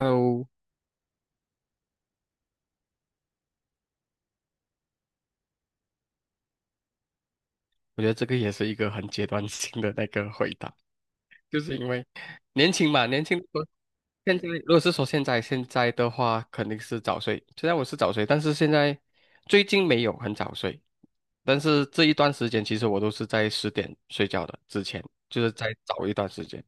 哦，我觉得这个也是一个很阶段性的那个回答，就是因为年轻嘛，年轻的时候。现在如果是说现在的话，肯定是早睡。虽然我是早睡，但是现在最近没有很早睡，但是这一段时间其实我都是在十点睡觉的，之前就是在早一段时间，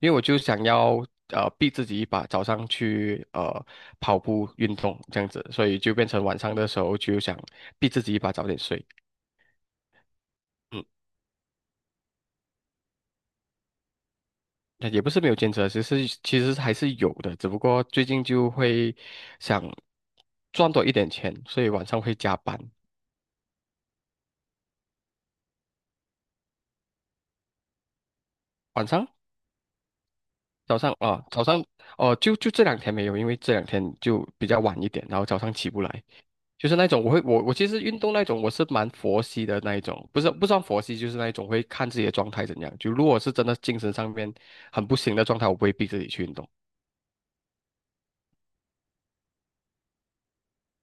因为我就想要逼自己一把，早上去跑步运动这样子，所以就变成晚上的时候就想逼自己一把早点睡。嗯。那也不是没有坚持啊，其实还是有的，只不过最近就会想赚多一点钱，所以晚上会加班。晚上、早上啊、早上哦、就这两天没有，因为这两天就比较晚一点，然后早上起不来，就是那种我会我我其实运动那种我是蛮佛系的那一种，不是不算佛系，就是那一种会看自己的状态怎样。就如果是真的精神上面很不行的状态，我不会逼自己去运动。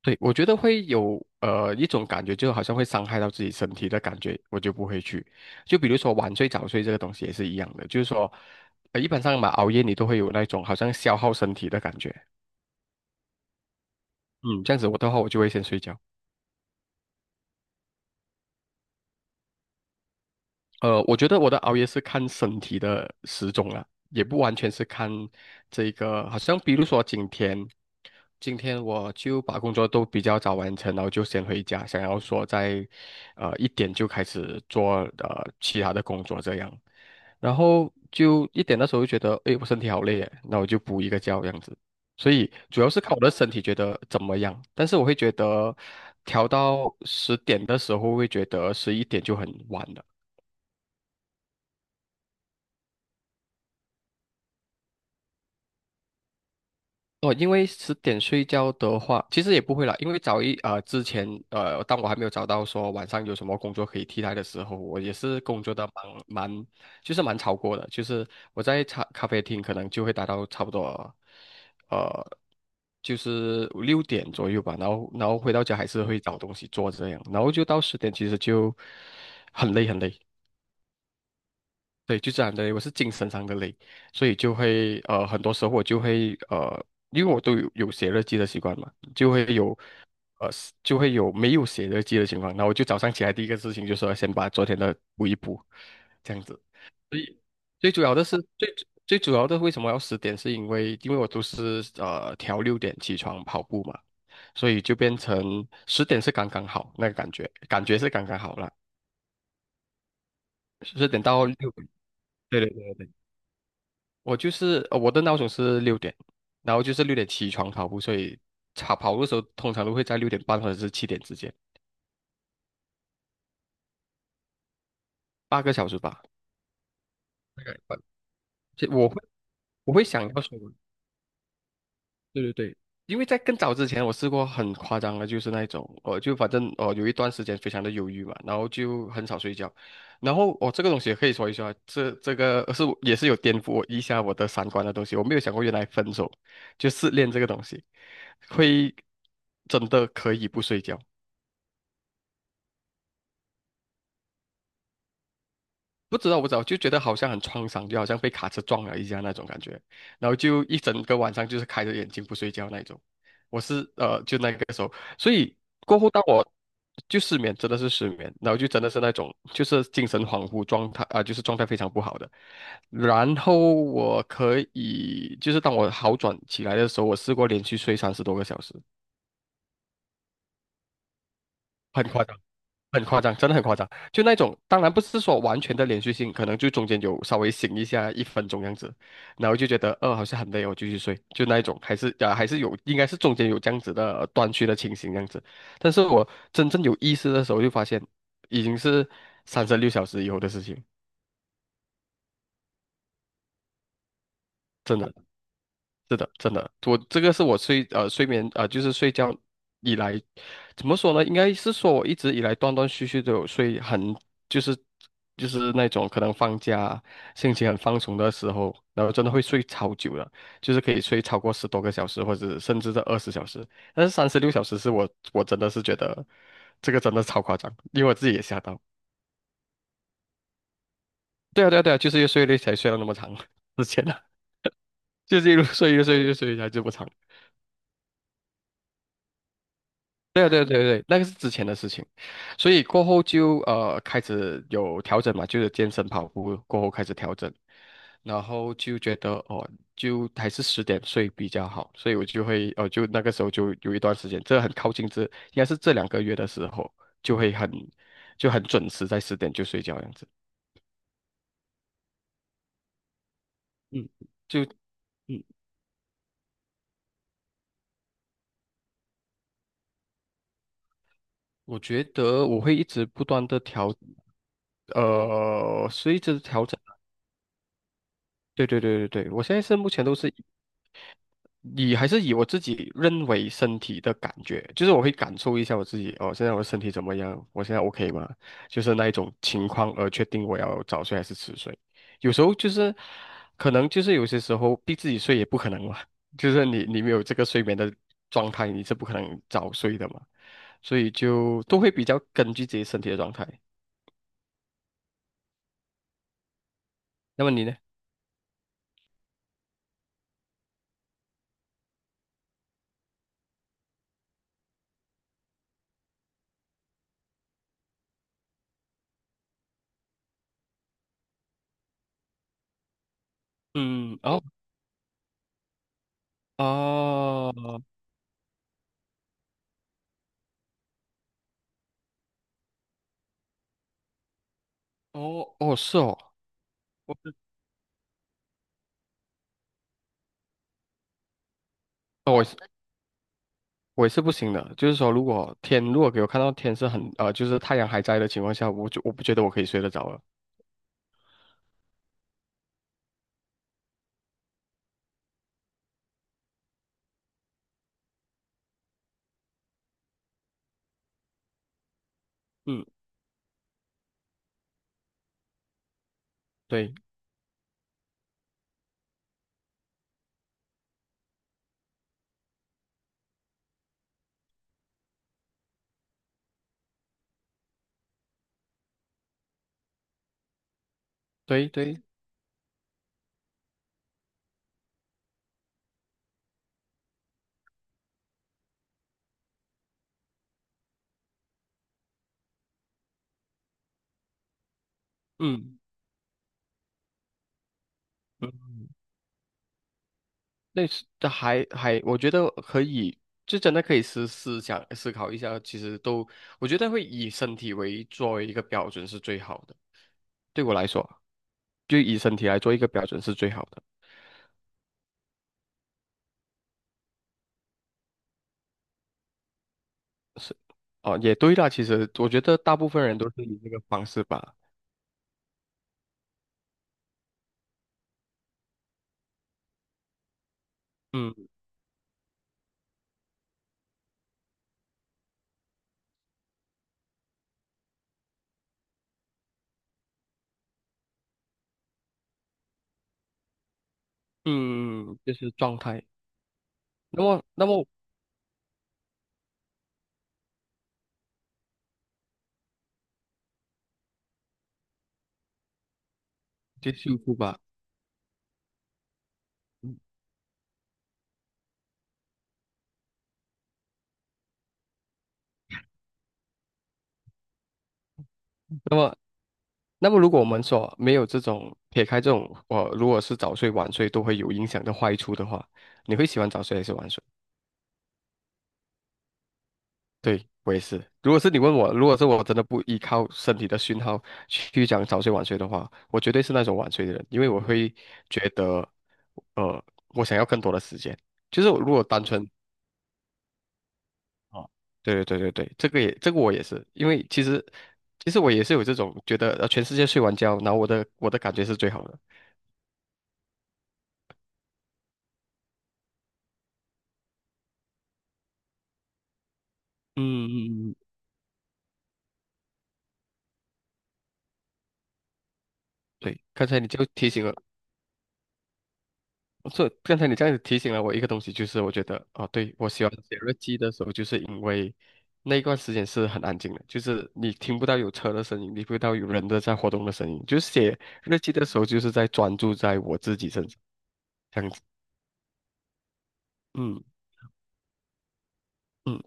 对，我觉得会有一种感觉，就好像会伤害到自己身体的感觉，我就不会去。就比如说晚睡早睡这个东西也是一样的，就是说，一般上嘛，熬夜你都会有那种好像消耗身体的感觉。嗯，这样子我的话，我就会先睡觉。我觉得我的熬夜是看身体的时钟了，也不完全是看这个，好像比如说今天。今天我就把工作都比较早完成，然后就先回家，想要说在一点就开始做其他的工作这样，然后就一点的时候就觉得，诶，我身体好累耶，那我就补一个觉这样子。所以主要是看我的身体觉得怎么样，但是我会觉得调到十点的时候会觉得11点就很晚了。哦，因为十点睡觉的话，其实也不会啦，因为之前，当我还没有找到说晚上有什么工作可以替代的时候，我也是工作的蛮，就是蛮超过的，就是我在茶咖啡厅可能就会达到差不多，呃，就是六点左右吧，然后回到家还是会找东西做这样，然后就到十点其实就很累很累。对，就这样的累，我是精神上的累，所以就会很多时候我就会因为我都有写日记的习惯嘛，呃，就会有没有写日记的情况。那我就早上起来第一个事情就是要先把昨天的补一补，这样子。最主要的是最最主要的为什么要十点，是因为我都是调六点起床跑步嘛，所以就变成十点是刚刚好那个感觉，感觉是刚刚好了，10点到6点。对对对。我就是我的闹钟是六点，然后就是六点起床跑步，所以跑步的时候通常都会在6点半或者是7点之间，8个小时吧。大概吧，其实我会想要说，对对对，因为在更早之前我试过很夸张的，就是那一种，我就反正哦有一段时间非常的忧郁嘛，然后就很少睡觉，然后哦这个东西也可以说一说啊，这个是也是有颠覆我一下我的三观的东西，我没有想过原来分手就失恋这个东西会真的可以不睡觉。不知道，不知道，就觉得好像很创伤，就好像被卡车撞了一下那种感觉，然后就一整个晚上就是开着眼睛不睡觉那种。我是就那个时候，所以过后当我就失眠，真的是失眠，然后就真的是那种就是精神恍惚状态啊、就是状态非常不好的。然后我可以就是当我好转起来的时候，我试过连续睡30多个小时，很夸张。很夸张，真的很夸张。就那种，当然不是说完全的连续性，可能就中间有稍微醒一下1分钟这样子，然后就觉得好像很累哦，我继续睡，就那一种，还是啊、还是有，应该是中间有这样子的断续的情形这样子。但是我真正有意识的时候，就发现已经是三十六小时以后的事情，真的。是的，真的，我这个是我睡眠啊、就是睡觉以来，怎么说呢？应该是说我一直以来断断续续都有睡很，就是就是那种可能放假心情很放松的时候，然后真的会睡超久的，就是可以睡超过十多个小时，或者甚至在20小时。但是三十六小时是我真的是觉得这个真的超夸张，因为我自己也吓到。对啊，对啊，对啊，就是越睡越累才睡了那么长，之前啊，就是一路睡越睡越睡才就不长。对啊对啊对啊对啊，那个是之前的事情，所以过后就开始有调整嘛，就是健身跑步过后开始调整，然后就觉得哦，就还是十点睡比较好，所以我就会就那个时候就有一段时间，这很靠近，这应该是这2个月的时候，就会很就很准时在十点就睡觉这样子。嗯，就我觉得我会一直不断的调，随一直调整。对对对对对，我现在是目前都是。还是以我自己认为身体的感觉，就是我会感受一下我自己哦，现在我的身体怎么样？我现在 OK 吗？就是那一种情况而确定我要早睡还是迟睡。有时候就是可能就是有些时候逼自己睡也不可能嘛，就是你没有这个睡眠的状态，你是不可能早睡的嘛，所以就都会比较根据自己身体的状态。那么你呢？嗯，哦，哦，哦，哦，是哦，我是哦，我我也是不行的，就是说，如果给我看到天是很，就是太阳还在的情况下，我就我不觉得我可以睡得着了。嗯，对对对，嗯嗯，类似的还，我觉得可以，就真的可以思考一下，其实都我觉得会以身体作为一个标准是最好的，对我来说，就以身体来做一个标准是最好的，是哦，也对啦，其实我觉得大部分人都是以这个方式吧，嗯嗯，嗯嗯就是状态。那么就幸福吧。那么，那么如果我们说没有这种撇开这种，我如果是早睡晚睡都会有影响的坏处的话，你会喜欢早睡还是晚睡？对，我也是。如果是你问我，如果是我真的不依靠身体的讯号去讲早睡晚睡的话，我绝对是那种晚睡的人，因为我会觉得，呃，我想要更多的时间。就是我如果单纯啊，对对对对对，这个也这个我也是，因为其实我也是有这种觉得，全世界睡完觉，然后我的感觉是最好的。嗯嗯嗯，嗯对，刚才你就提醒了，这刚才你这样子提醒了我一个东西，就是我觉得哦，对，我喜欢写日记的时候，就是因为那一段时间是很安静的，就是你听不到有车的声音，你听不到有人的在活动的声音，就是写日记的时候，就是在专注在我自己身上，这样子。嗯嗯，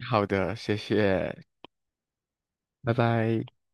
好的，谢谢，拜拜。